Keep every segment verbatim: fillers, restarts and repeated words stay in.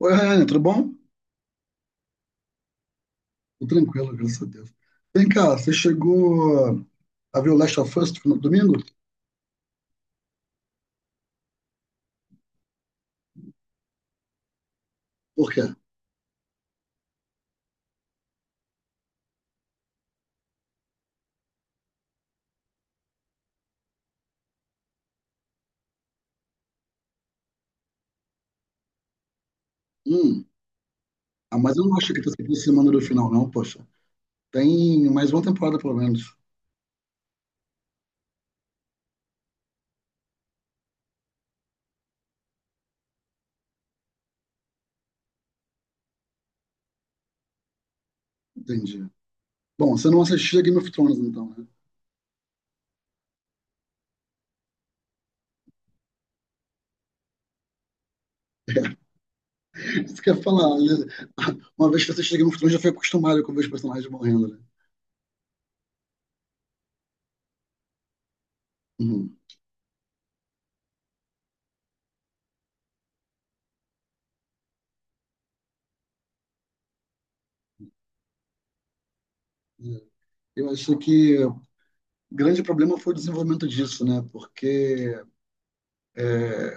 Oi, Ryan, tudo bom? Tô tranquilo, graças a Deus. Vem cá, você chegou a ver o Last of Us no domingo? Por quê? Hum, ah, mas eu não acho que tá saindo semana do final, não, poxa. Tem mais uma temporada, pelo menos. Entendi. Bom, você não assistia Game of Thrones, então, né? Isso quer falar, né? Uma vez que você assistiu Game of Thrones, já foi acostumado com ver os personagens morrendo, né? Uhum. É, Eu acho que o grande problema foi o desenvolvimento disso, né? Porque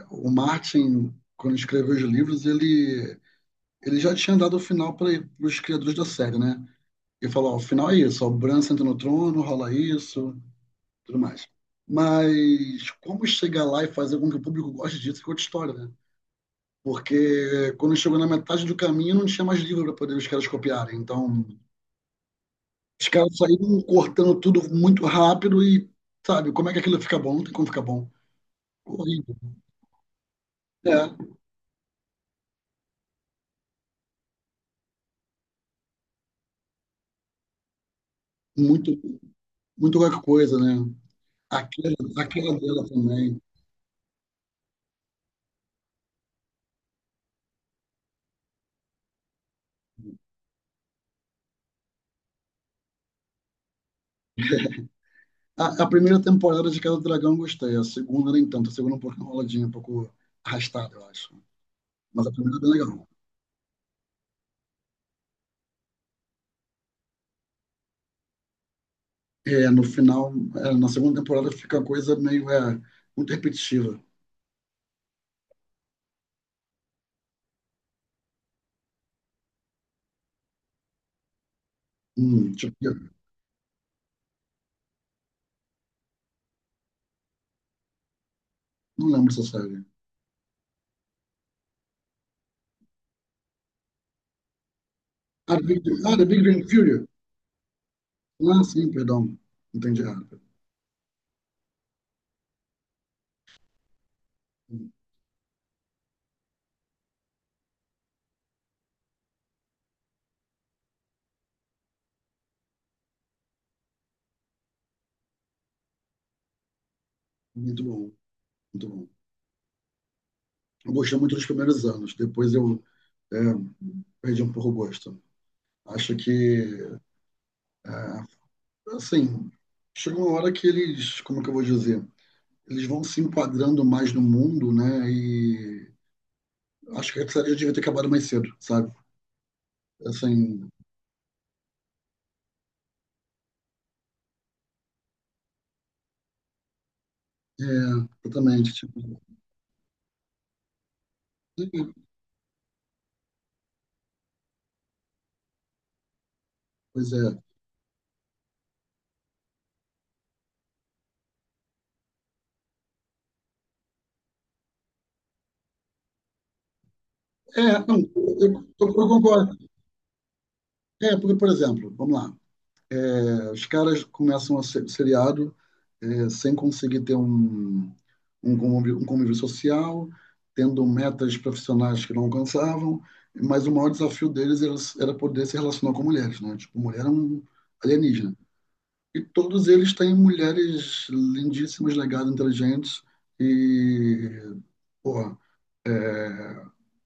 o Martin, quando escreveu os livros, ele Ele já tinha dado o final para os criadores da série, né? Ele falou, ó, o final é isso, ó, o Bran senta no trono, rola isso, tudo mais. Mas como chegar lá e fazer com que o público goste disso é outra história, né? Porque quando chegou na metade do caminho não tinha mais livro para poder os caras copiarem. Então, os caras saíram cortando tudo muito rápido e, sabe, como é que aquilo fica bom? Não tem como ficar bom. Horrível. É, muito, muito qualquer coisa, né? Aquela, aquela dela também. A, a primeira temporada de Casa do Dragão eu gostei, a segunda nem tanto, a segunda um pouco enroladinha, um pouco arrastada, eu acho. Mas a primeira é bem legal. É, no final, é, na segunda temporada fica a coisa meio é, muito repetitiva. Hum, tipo, não lembro essa série. Ah, The Big, ah, The Big Bang Theory. Ah, sim, perdão. Entendi errado. Hum, Muito bom, muito bom. Eu gostei muito dos primeiros anos. Depois eu é, perdi um pouco o gosto. Acho que, é, assim, chega uma hora que eles, como é que eu vou dizer? Eles vão se enquadrando mais no mundo, né? E acho que a série devia ter acabado mais cedo, sabe? Assim, é, exatamente. Tipo, pois é. É, não, eu, eu, eu concordo. É, porque, por exemplo, vamos lá, é, os caras começam a ser, o seriado é, sem conseguir ter um, um, convívio, um convívio social, tendo metas profissionais que não alcançavam, mas o maior desafio deles era, era poder se relacionar com mulheres, né? Tipo, mulher é um alienígena. E todos eles têm mulheres lindíssimas, legais, inteligentes e, porra,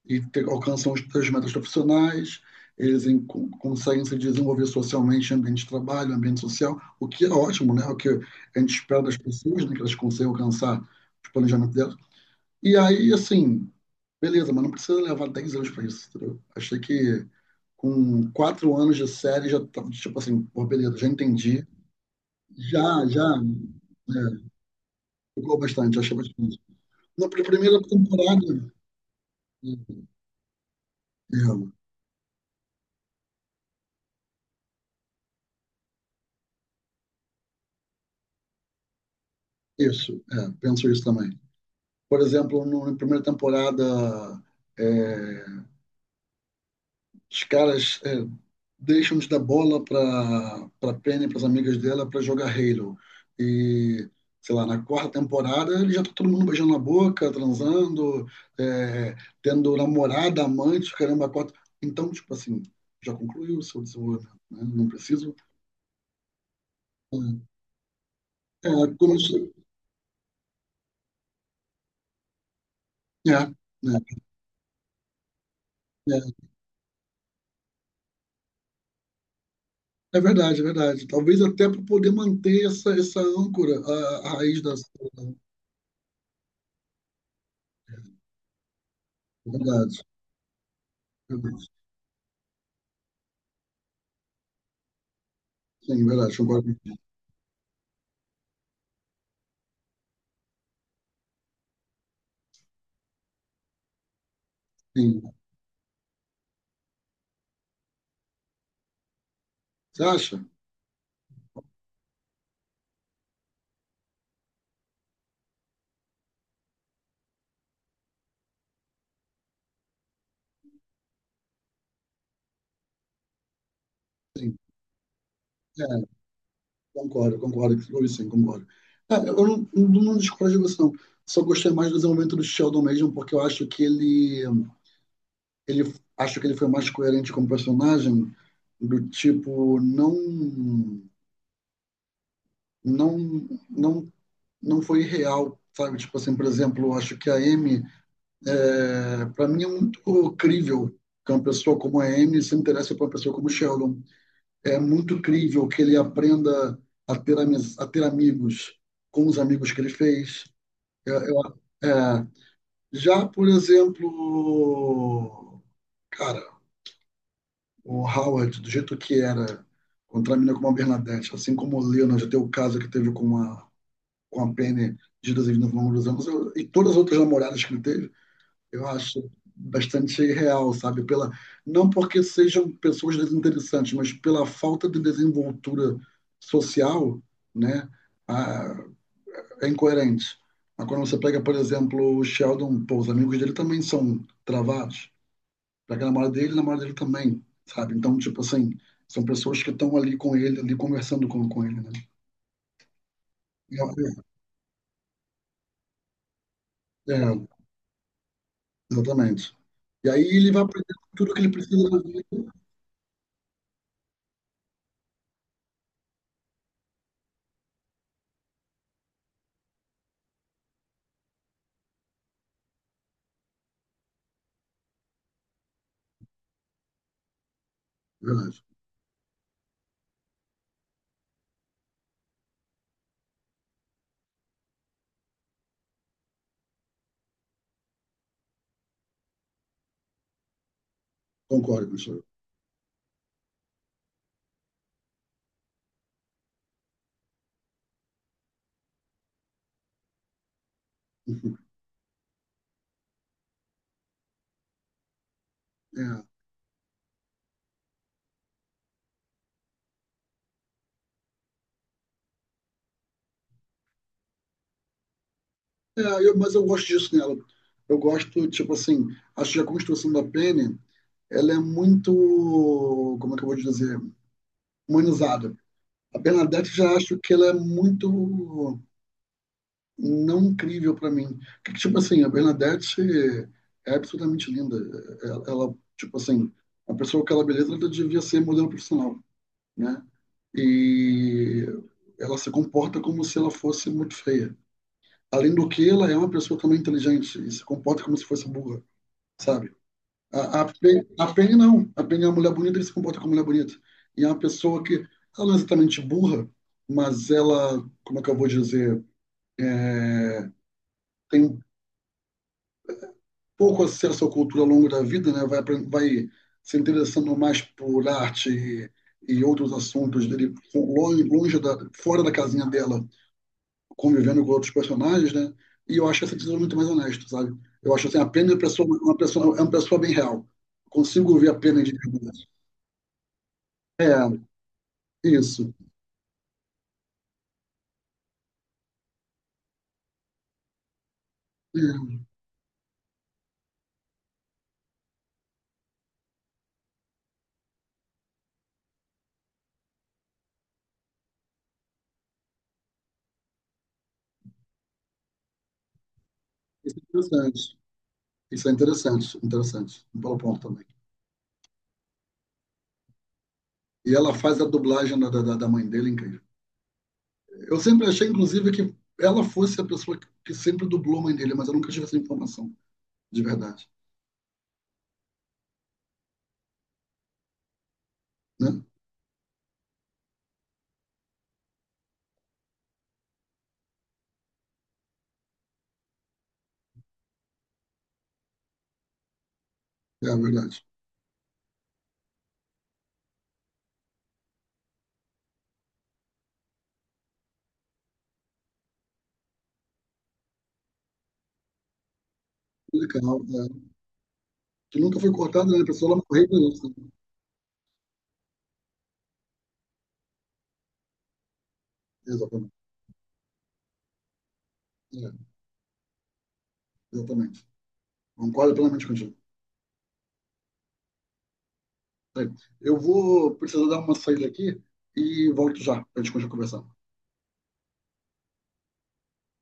e te- alcançam os seus metas profissionais. Eles em- con- conseguem se desenvolver socialmente em ambiente de trabalho, ambiente social, o que é ótimo, né? O que a gente espera das pessoas, né? Que elas consigam alcançar os planejamentos delas. E aí, assim, beleza, mas não precisa levar dez anos para isso, entendeu? Achei que com quatro anos de série já tava, tipo assim, pô, beleza, já entendi. Já, já, né, ficou bastante, achei bastante. Na pr- primeira temporada, é, é, isso, é, penso isso também. Por exemplo, no- na primeira temporada, é, os caras é, deixam de dar bola para para Penny, para as amigas dela, para jogar Halo. E, sei lá, na quarta temporada, ele já tá todo mundo beijando na boca, transando, é, tendo namorada, amante, caramba, quatro. Então, tipo assim, já concluiu o seu desenvolvimento, né? Não preciso. É, é, começou, É, é, é, é verdade, é verdade. Talvez até para poder manter essa, essa âncora, a, a raiz da É verdade. É verdade. Sim, é verdade, concordo contigo. Sim. Você acha? Sim. É, concordo, concordo. Ou sim, concordo. É, eu não, não, não discordo de você, não. Só gostei mais do desenvolvimento do Sheldon mesmo, porque eu acho que ele, ele acho que ele foi mais coerente como personagem, do tipo, não, não, não, não foi real, sabe? Tipo assim, por exemplo, eu acho que a Amy É, para mim é muito crível que uma pessoa como a Amy se interesse por uma pessoa como o Sheldon. É muito crível que ele aprenda a ter, amiz- a ter amigos com os amigos que ele fez. Eu- eu- é, já, por exemplo, cara, o Howard, do jeito que era, contra a menina como a Bernadette, assim como o Leonard, já teve o caso que teve com a, com a Penny de Deus ao longo dos anos, eu- e todas as outras namoradas que ele teve, eu acho bastante real, sabe? Pela, não porque sejam pessoas desinteressantes, mas pela falta de desenvoltura social, né? Ah, é incoerente. Mas quando você pega, por exemplo, o Sheldon, pô, os amigos dele também são travados. Pega a namorada dele, a namorada dele também, sabe? Então, tipo assim, são pessoas que estão ali com ele, ali conversando com, com ele, né? É, é, exatamente. E aí ele vai aprender tudo o que ele precisa na vida. Verdade, concordo com o senhor. É. É, eu- mas eu gosto disso nela. Eu gosto, tipo assim, acho que a construção da Penny, ela é muito, como é que eu vou dizer, humanizada. A Bernadette já acho que ela é muito não incrível para mim. Que, tipo assim, a Bernadette é absolutamente linda. Ela, ela, tipo assim, a pessoa com aquela beleza ela devia ser modelo profissional, né? E ela se comporta como se ela fosse muito feia. Além do que, ela é uma pessoa também inteligente e se comporta como se fosse burra. Sabe? A, a, Penny, a Penny não. A Penny é uma mulher bonita que se comporta como mulher bonita. E é uma pessoa que, ela não é exatamente burra, mas ela, como é que eu vou dizer, é, tem um pouco acesso à cultura ao longo da vida, né? Vai, apren- vai se interessando mais por arte e, e outros assuntos dele, longe, longe da, fora da casinha dela, convivendo com outros personagens, né? E eu acho essa decisão muito mais honesta, sabe? Eu acho assim, a Penny é uma pessoa, uma pessoa, é uma pessoa bem real. Consigo ver a Penny de verdade. É, isso. É, isso é interessante. Isso é interessante, interessante. Um bom ponto também. E ela faz a dublagem da, da, da mãe dele incrível. Eu sempre achei, inclusive, que ela fosse a pessoa que, que sempre dublou a mãe dele, mas eu nunca tive essa informação, de verdade. Né? É a verdade. Legal, é. Que nunca foi cortado, né? A pessoa ela morreu com isso. Né? Exatamente. É, exatamente. Concordo plenamente contigo. Bem, eu vou precisar dar uma saída aqui e volto já para a gente continuar conversando.